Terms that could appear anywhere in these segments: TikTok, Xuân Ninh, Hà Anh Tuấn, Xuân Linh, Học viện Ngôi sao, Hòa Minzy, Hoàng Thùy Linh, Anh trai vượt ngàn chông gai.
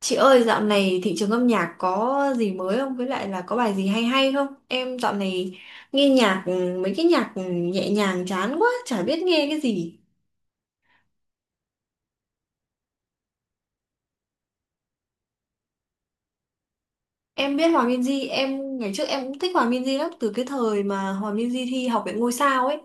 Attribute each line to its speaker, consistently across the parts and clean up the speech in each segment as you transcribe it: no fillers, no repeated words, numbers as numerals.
Speaker 1: Chị ơi, dạo này thị trường âm nhạc có gì mới không? Với lại là có bài gì hay hay không? Em dạo này nghe nhạc mấy cái nhạc nhẹ nhàng chán quá, chả biết nghe cái gì. Em biết Hòa Minzy, em ngày trước em cũng thích Hòa Minzy lắm từ cái thời mà Hòa Minzy thi Học viện Ngôi sao ấy.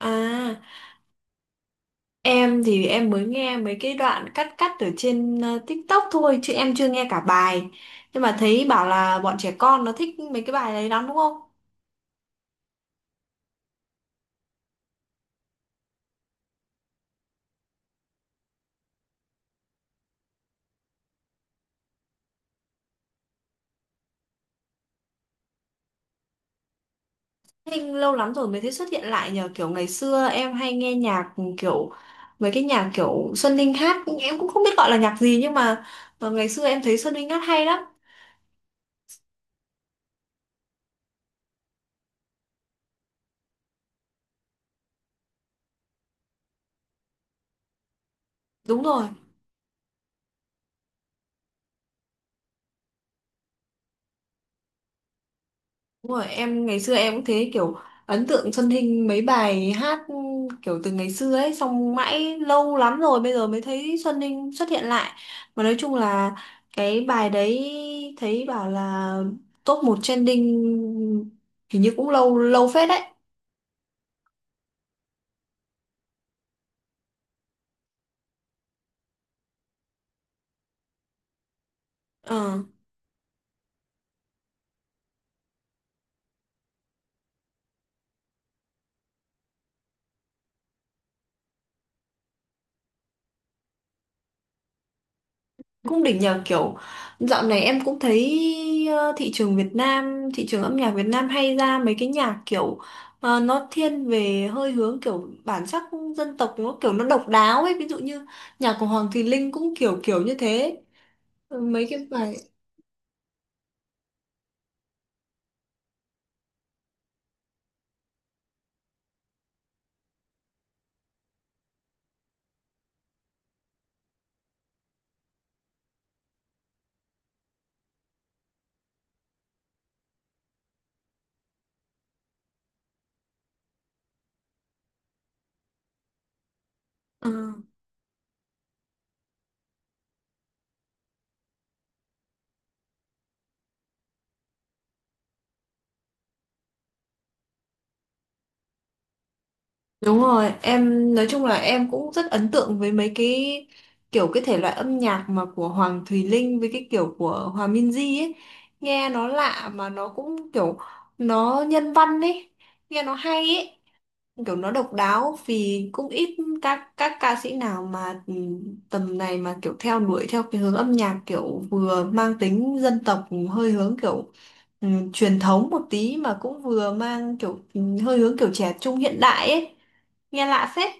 Speaker 1: À, em thì em mới nghe mấy cái đoạn cắt cắt ở trên TikTok thôi chứ em chưa nghe cả bài. Nhưng mà thấy bảo là bọn trẻ con nó thích mấy cái bài đấy lắm đúng không? Thanh lâu lắm rồi mới thấy xuất hiện lại nhờ kiểu ngày xưa em hay nghe nhạc kiểu mấy cái nhạc kiểu Xuân linh hát em cũng không biết gọi là nhạc gì, nhưng mà ngày xưa em thấy Xuân linh hát hay lắm. Đúng rồi, đúng rồi, em ngày xưa em cũng thế, kiểu ấn tượng Xuân Ninh mấy bài hát kiểu từ ngày xưa ấy, xong mãi lâu lắm rồi bây giờ mới thấy Xuân Ninh xuất hiện lại. Mà nói chung là cái bài đấy thấy bảo là top 1 trending, hình như cũng lâu lâu phết đấy. Ờ. Cũng đỉnh nhờ, kiểu dạo này em cũng thấy thị trường âm nhạc Việt Nam hay ra mấy cái nhạc kiểu nó thiên về hơi hướng kiểu bản sắc dân tộc, nó kiểu nó độc đáo ấy, ví dụ như nhạc của Hoàng Thùy Linh cũng kiểu kiểu như thế. Ừ, mấy cái bài ờ. Đúng rồi, em nói chung là em cũng rất ấn tượng với mấy cái kiểu cái thể loại âm nhạc mà của Hoàng Thùy Linh với cái kiểu của Hòa Minzy ấy. Nghe nó lạ mà nó cũng kiểu nó nhân văn ấy, nghe nó hay ấy, kiểu nó độc đáo vì cũng ít các ca sĩ nào mà tầm này mà kiểu theo đuổi theo cái hướng âm nhạc kiểu vừa mang tính dân tộc hơi hướng kiểu truyền thống một tí mà cũng vừa mang kiểu hơi hướng kiểu trẻ trung hiện đại ấy, nghe lạ phết.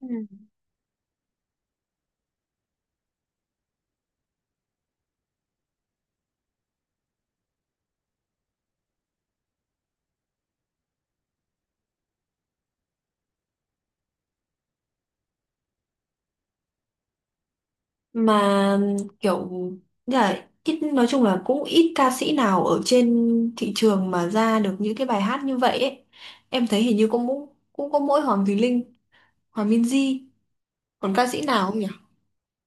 Speaker 1: Ừ. Mà kiểu như là ít, nói chung là cũng ít ca sĩ nào ở trên thị trường mà ra được những cái bài hát như vậy ấy. Em thấy hình như cũng cũng có mỗi Hoàng Thùy Linh, Hoàng Minzy. Còn ca sĩ nào không nhỉ?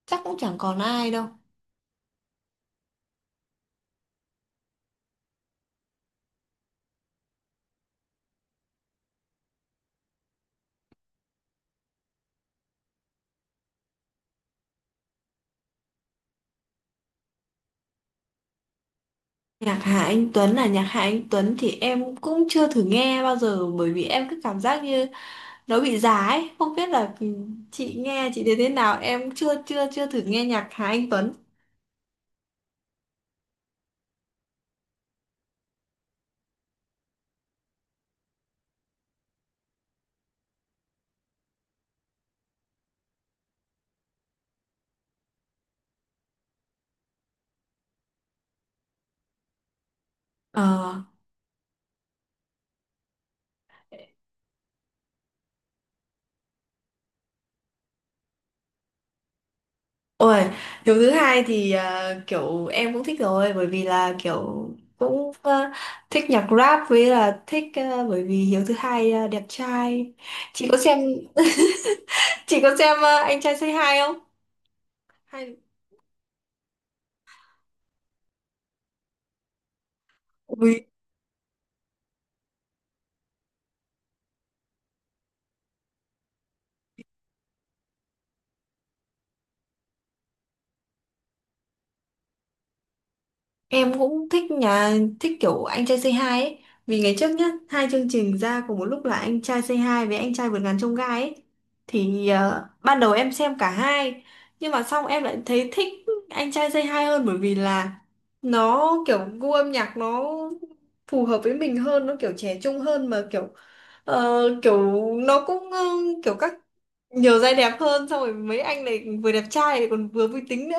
Speaker 1: Chắc cũng chẳng còn ai đâu. Nhạc Hà Anh Tuấn, là nhạc Hà Anh Tuấn thì em cũng chưa thử nghe bao giờ, bởi vì em cứ cảm giác như nó bị già ấy. Không biết là chị nghe chị thấy thế nào. Em chưa chưa chưa thử nghe nhạc Hà Anh Tuấn. Ờ. Ôi, điều thứ hai thì kiểu em cũng thích rồi, bởi vì là kiểu cũng thích nhạc rap, với là thích bởi vì Hiếu thứ hai đẹp trai. Chị có xem chị có xem anh trai Say Hi không? Hay, ui, em cũng thích, nhà thích kiểu anh trai Say Hi ấy, vì ngày trước nhá hai chương trình ra cùng một lúc là anh trai Say Hi với anh trai vượt ngàn chông gai ấy, thì ban đầu em xem cả hai, nhưng mà xong em lại thấy thích anh trai Say Hi hơn, bởi vì là nó kiểu gu âm nhạc nó phù hợp với mình hơn, nó kiểu trẻ trung hơn mà kiểu kiểu nó cũng kiểu các nhiều giai đẹp hơn, xong rồi mấy anh này vừa đẹp trai lại còn vừa vui tính nữa.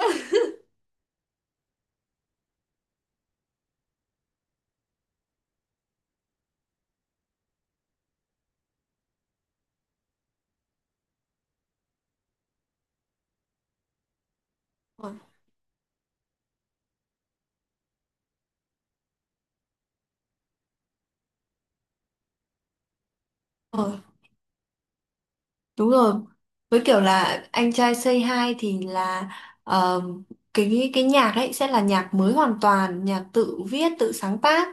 Speaker 1: Ờ, đúng rồi. Với kiểu là anh trai Say Hi thì là ờ, cái nhạc ấy sẽ là nhạc mới hoàn toàn, nhạc tự viết, tự sáng tác.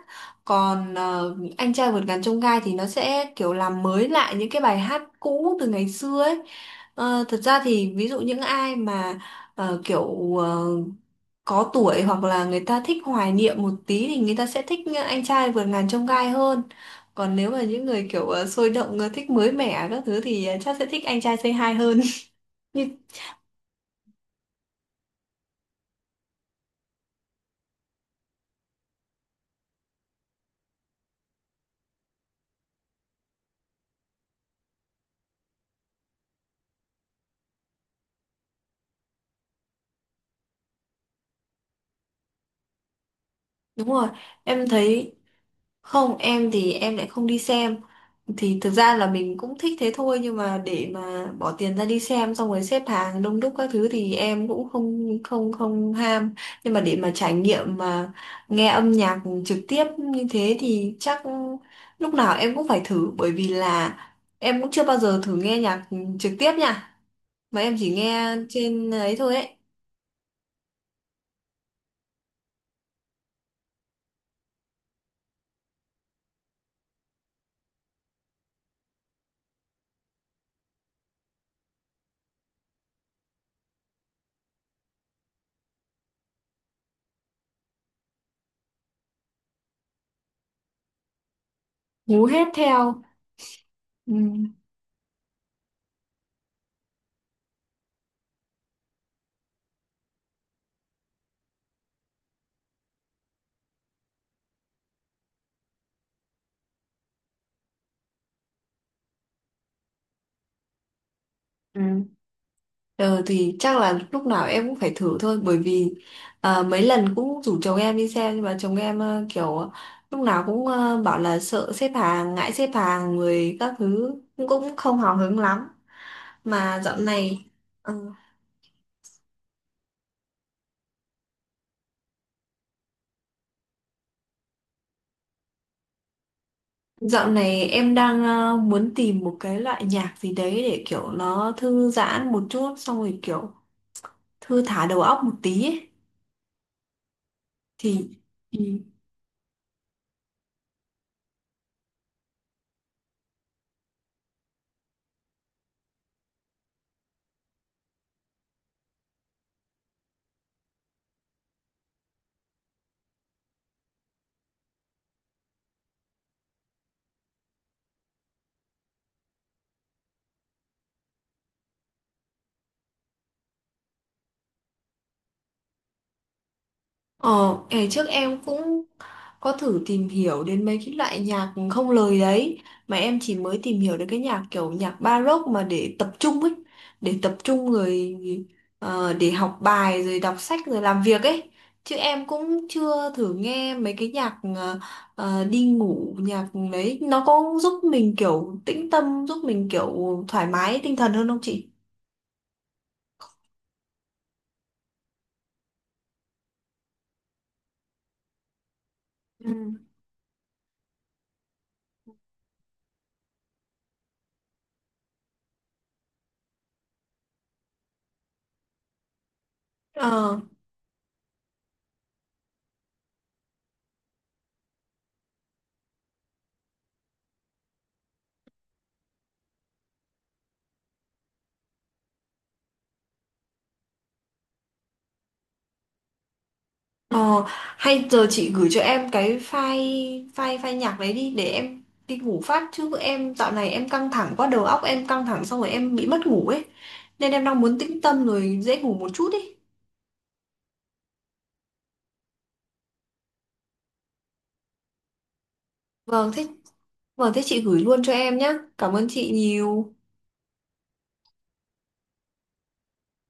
Speaker 1: Còn anh trai vượt ngàn chông gai thì nó sẽ kiểu làm mới lại những cái bài hát cũ từ ngày xưa ấy. Ờ, thật ra thì ví dụ những ai mà kiểu có tuổi hoặc là người ta thích hoài niệm một tí thì người ta sẽ thích anh trai vượt ngàn chông gai hơn. Còn nếu mà những người kiểu sôi động, thích mới mẻ các thứ thì chắc sẽ thích anh trai Say Hi hơn. Nhưng đúng rồi, em thấy. Không, em thì em lại không đi xem. Thì thực ra là mình cũng thích thế thôi, nhưng mà để mà bỏ tiền ra đi xem xong rồi xếp hàng đông đúc các thứ thì em cũng không không không ham. Nhưng mà để mà trải nghiệm, mà nghe âm nhạc trực tiếp như thế thì chắc lúc nào em cũng phải thử, bởi vì là em cũng chưa bao giờ thử nghe nhạc trực tiếp nha. Mà em chỉ nghe trên ấy thôi ấy. Hú hét theo. Ừ. Ừ. Ờ, thì chắc là lúc nào em cũng phải thử thôi, bởi vì mấy lần cũng rủ chồng em đi xem, nhưng mà chồng em kiểu lúc nào cũng bảo là sợ xếp hàng, ngại xếp hàng người các thứ, cũng cũng không hào hứng lắm. Mà ờ, dạo này em đang muốn tìm một cái loại nhạc gì đấy để kiểu nó thư giãn một chút, xong rồi kiểu thư thả đầu óc một tí ấy. Thì thì ờ Ngày trước em cũng có thử tìm hiểu đến mấy cái loại nhạc không lời đấy, mà em chỉ mới tìm hiểu được cái nhạc kiểu nhạc baroque mà để tập trung ấy, để tập trung rồi để học bài rồi đọc sách rồi làm việc ấy, chứ em cũng chưa thử nghe mấy cái nhạc đi ngủ. Nhạc đấy nó có giúp mình kiểu tĩnh tâm, giúp mình kiểu thoải mái tinh thần hơn không chị? Ừ. Ờ Ờ, hay giờ chị gửi cho em cái file file file nhạc đấy đi để em đi ngủ phát, chứ em dạo này em căng thẳng quá, đầu óc em căng thẳng xong rồi em bị mất ngủ ấy, nên em đang muốn tĩnh tâm rồi dễ ngủ một chút ấy. Vâng thế, vâng thế chị gửi luôn cho em nhá. Cảm ơn chị nhiều.